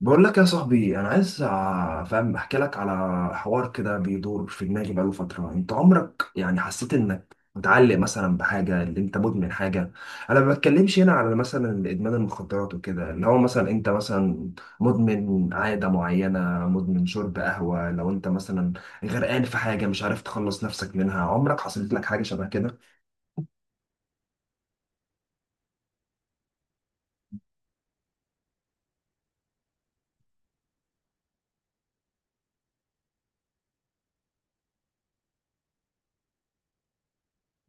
بقول لك يا صاحبي، انا عايز ع- فاهم احكي لك على حوار كده بيدور في دماغي بقاله فتره. انت عمرك يعني حسيت انك متعلق مثلا بحاجه، اللي انت مدمن حاجه؟ انا ما بتكلمش هنا على مثلا ادمان المخدرات وكده، اللي هو مثلا انت مثلا مدمن عاده معينه، مدمن شرب قهوه. لو انت مثلا غرقان في حاجه مش عارف تخلص نفسك منها، عمرك حصلت لك حاجه شبه كده؟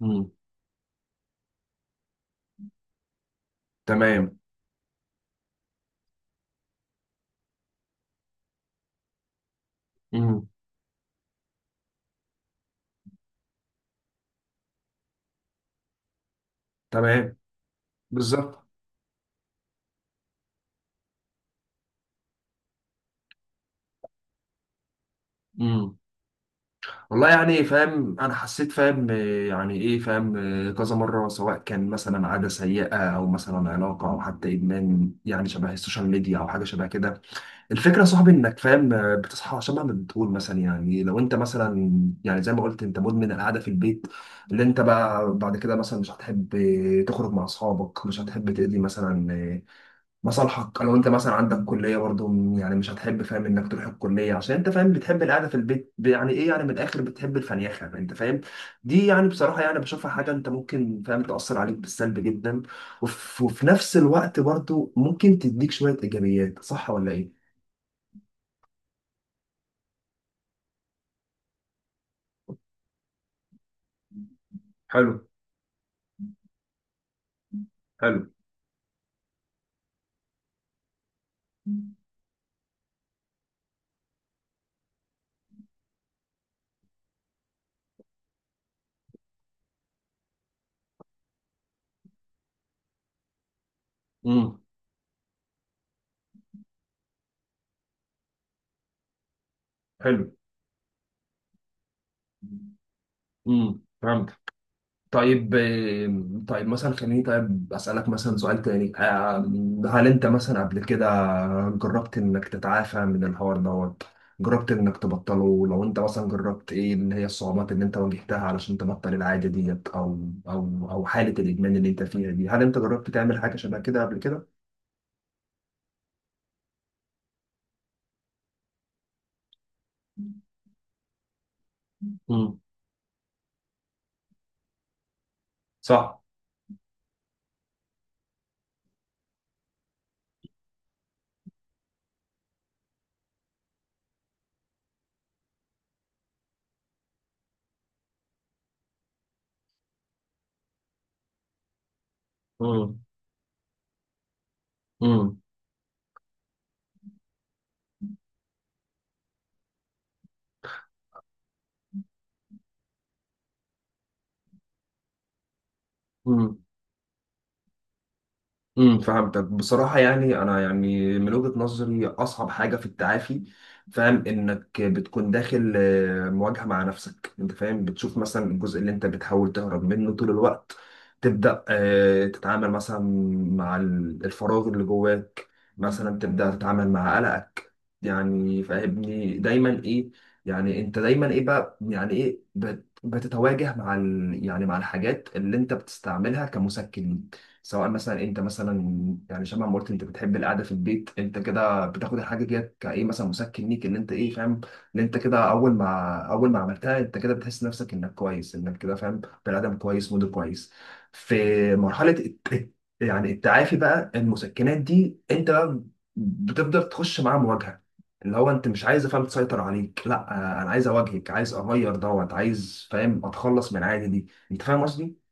امم. تمام. امم. تمام. بالظبط. والله يعني فاهم، انا حسيت فاهم آه، يعني ايه، فاهم آه، كذا مره، سواء كان مثلا عاده سيئه او مثلا علاقه او حتى ادمان يعني شبه السوشيال ميديا او حاجه شبه كده. الفكره يا صاحبي انك فاهم آه، بتصحى شبه ما بتقول. مثلا يعني لو انت مثلا، يعني زي ما قلت انت مدمن القعده في البيت، اللي انت بقى بعد كده مثلا مش هتحب تخرج مع اصحابك، مش هتحب تقضي مثلا مصالحك. لو انت مثلا عندك كليه برضو، يعني مش هتحب فاهم انك تروح الكليه، عشان انت فاهم بتحب القعده في البيت. يعني ايه، يعني من الاخر بتحب الفنيخه، انت فاهم. دي يعني بصراحه يعني بشوفها حاجه انت ممكن فاهم تاثر عليك بالسلب جدا، وفي نفس الوقت برضو ممكن تديك شويه ايجابيات، صح ولا ايه؟ حلو. حلو. امم. حلو. امم، فهمت. طيب طيب مثلا خليني طيب أسألك مثلا سؤال تاني. هل أنت مثلا قبل كده جربت إنك تتعافى من الحوار دوت؟ جربت إنك تبطله؟ لو أنت مثلا جربت، إيه اللي هي الصعوبات اللي أنت واجهتها علشان تبطل العادة ديت؟ أو حالة الإدمان اللي أنت فيها دي، هل أنت جربت تعمل حاجة شبه كده قبل كده؟ مم. صح. مم. مم. مم. امم، فهمتك. بصراحة يعني أنا يعني من وجهة نظري أصعب حاجة في التعافي، فاهم، إنك بتكون داخل مواجهة مع نفسك. أنت فاهم بتشوف مثلا الجزء اللي أنت بتحاول تهرب منه طول الوقت. تبدأ تتعامل مثلا مع الفراغ اللي جواك، مثلا تبدأ تتعامل مع قلقك. يعني فاهمني دايما إيه، يعني أنت دايما إيه بقى، يعني إيه، بتتواجه مع ال يعني مع الحاجات اللي أنت بتستعملها كمسكن. سواء مثلا انت مثلا، يعني شبه ما قلت انت بتحب القعده في البيت، انت كده بتاخد الحاجه ديت كايه مثلا مسكن ليك، ان انت ايه فاهم، ان انت كده اول ما عملتها، انت كده بتحس نفسك انك كويس، انك كده فاهم، بني ادم كويس، موديل كويس. في يعني التعافي بقى، المسكنات دي انت بقى بتفضل تخش معاها مواجهه، اللي هو انت مش عايز فاهم تسيطر عليك، لا. انا عايز اواجهك، عايز اغير دوت، عايز فاهم اتخلص من العاده دي، انت فاهم قصدي؟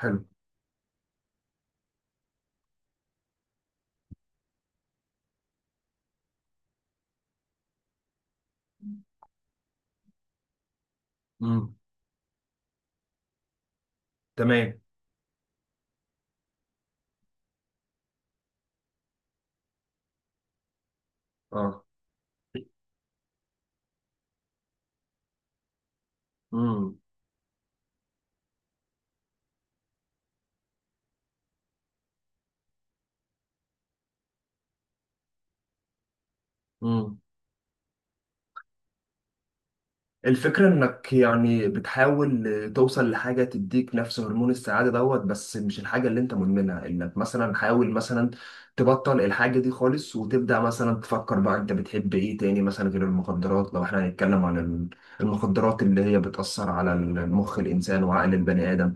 حلو. امم. تمام. اه. مم. مم. الفكرة انك يعني بتحاول توصل لحاجة تديك نفس هرمون السعادة دوت، بس مش الحاجة اللي انت مدمنها. انك مثلا حاول مثلا تبطل الحاجة دي خالص، وتبدأ مثلا تفكر بقى انت بتحب ايه تاني، مثلا غير المخدرات، لو احنا هنتكلم عن المخدرات اللي هي بتأثر على المخ الانسان وعقل البني ادم.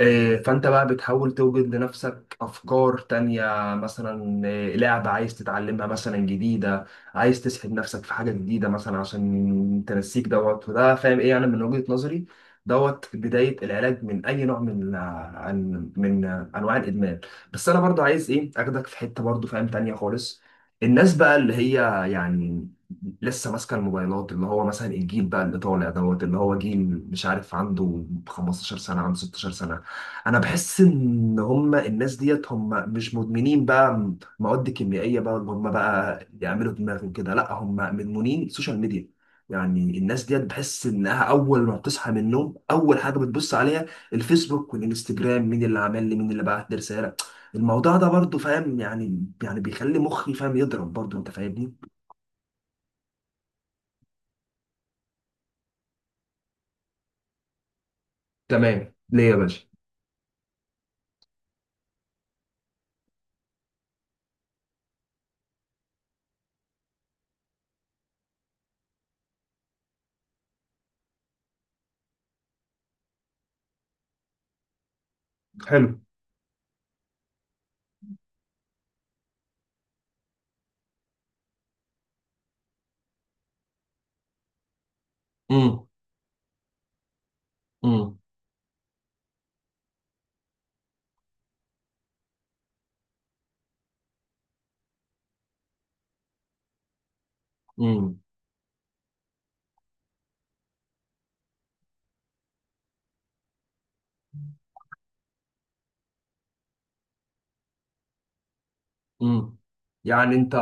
فانت بقى بتحاول توجد لنفسك افكار تانية. مثلا لعبة عايز تتعلمها مثلا جديدة، عايز تسحب نفسك في حاجة جديدة مثلا عشان تنسيك دوت. وده فاهم ايه، انا من وجهة نظري دوت بداية العلاج من اي نوع من انواع الادمان. بس انا برضو عايز ايه اخدك في حتة برضو فاهم تانية خالص. الناس بقى اللي هي يعني لسه ماسكه الموبايلات، اللي هو مثلا الجيل بقى اللي طالع دوت، اللي هو جيل مش عارف عنده 15 سنه، عنده 16 سنه، انا بحس ان هم الناس ديت هم مش مدمنين بقى مواد كيميائيه بقى اللي هم بقى يعملوا دماغهم كده، لا، هم مدمنين سوشيال ميديا. يعني الناس ديت بحس انها اول ما بتصحى من النوم، اول حاجه بتبص عليها الفيسبوك والانستجرام، مين اللي عمل لي، مين اللي بعت لي رساله. الموضوع ده برضو فاهم يعني، يعني بيخلي مخي فاهم يضرب برضو، انت فاهمني. تمام، ليه يا باشا؟ حلو. امم. امم. امم. يعني انت،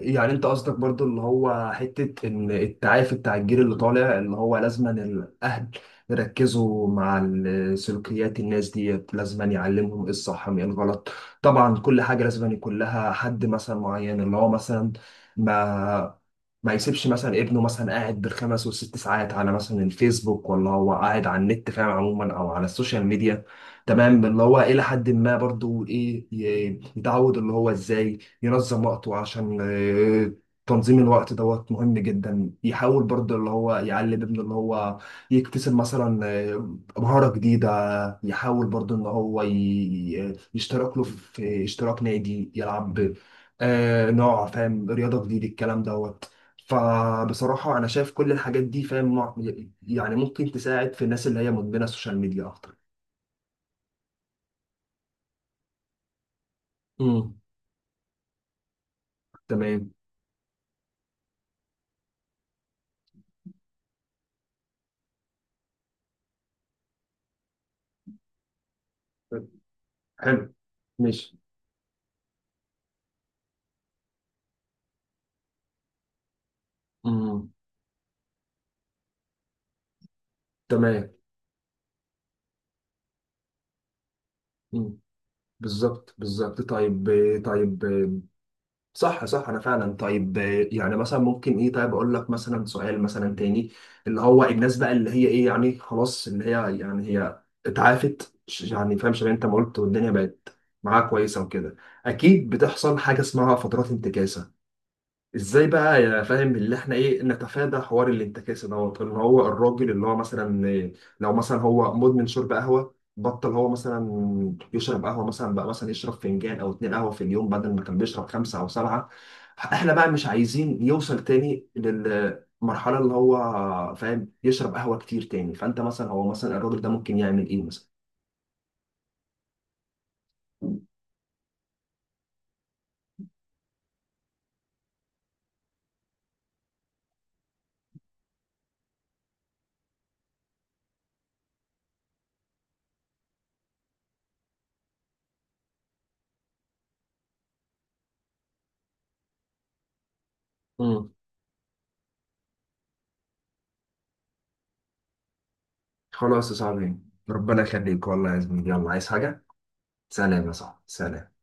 يعني انت قصدك برضو اللي هو حتة ان التعافي بتاع الجيل اللي طالع اللي هو لازما الاهل يركزوا مع سلوكيات الناس ديت، لازما يعلمهم ايه الصح من ايه الغلط. طبعا كل حاجة لازما يكون لها حد مثلا معين، اللي هو مثلا ما يسيبش مثلا ابنه مثلا قاعد بالخمس والست ساعات على مثلا الفيسبوك، ولا هو قاعد على النت فاهم عموما او على السوشيال ميديا. تمام، اللي هو الى حد ما برضو ايه يتعود اللي هو ازاي ينظم وقته، عشان تنظيم الوقت دوت مهم جدا. يحاول برضو اللي هو يعلم ابنه اللي هو يكتسب مثلا مهارة جديدة، يحاول برضو ان هو يشترك له في اشتراك نادي يلعب نوع فاهم رياضة جديدة، الكلام دوت. فبصراحة أنا شايف كل الحاجات دي يعني ممكن تساعد في الناس اللي هي مدمنة السوشيال ميديا أكتر. مم. تمام. حلو. ماشي. امم. تمام. امم. بالظبط، بالظبط. طيب. طيب. صح، صح، انا فعلا. طيب يعني مثلا ممكن ايه، طيب اقول لك مثلا سؤال مثلا تاني، اللي هو الناس بقى اللي هي ايه يعني خلاص، اللي هي يعني هي اتعافت، يعني فاهم شبه انت ما قلت والدنيا بقت معاها كويسه وكده، اكيد بتحصل حاجه اسمها فترات انتكاسه. ازاي بقى يا فاهم اللي احنا ايه نتفادى حوار الانتكاسه دوت؟ ان هو الراجل اللي هو مثلا لو مثلا هو مدمن شرب قهوه، بطل هو مثلا يشرب قهوه مثلا، بقى مثلا يشرب فنجان او اتنين قهوه في اليوم بدل ما كان بيشرب خمسه او سبعه. احنا بقى مش عايزين يوصل تاني للمرحله اللي هو فاهم يشرب قهوه كتير تاني. فانت مثلا، هو مثلا الراجل ده ممكن يعمل ايه مثلا؟ مم. خلاص يا صاحبي، ربنا يخليك والله يا زميلي. يلا، عايز حاجه؟ سلام يا صاحبي، سلام.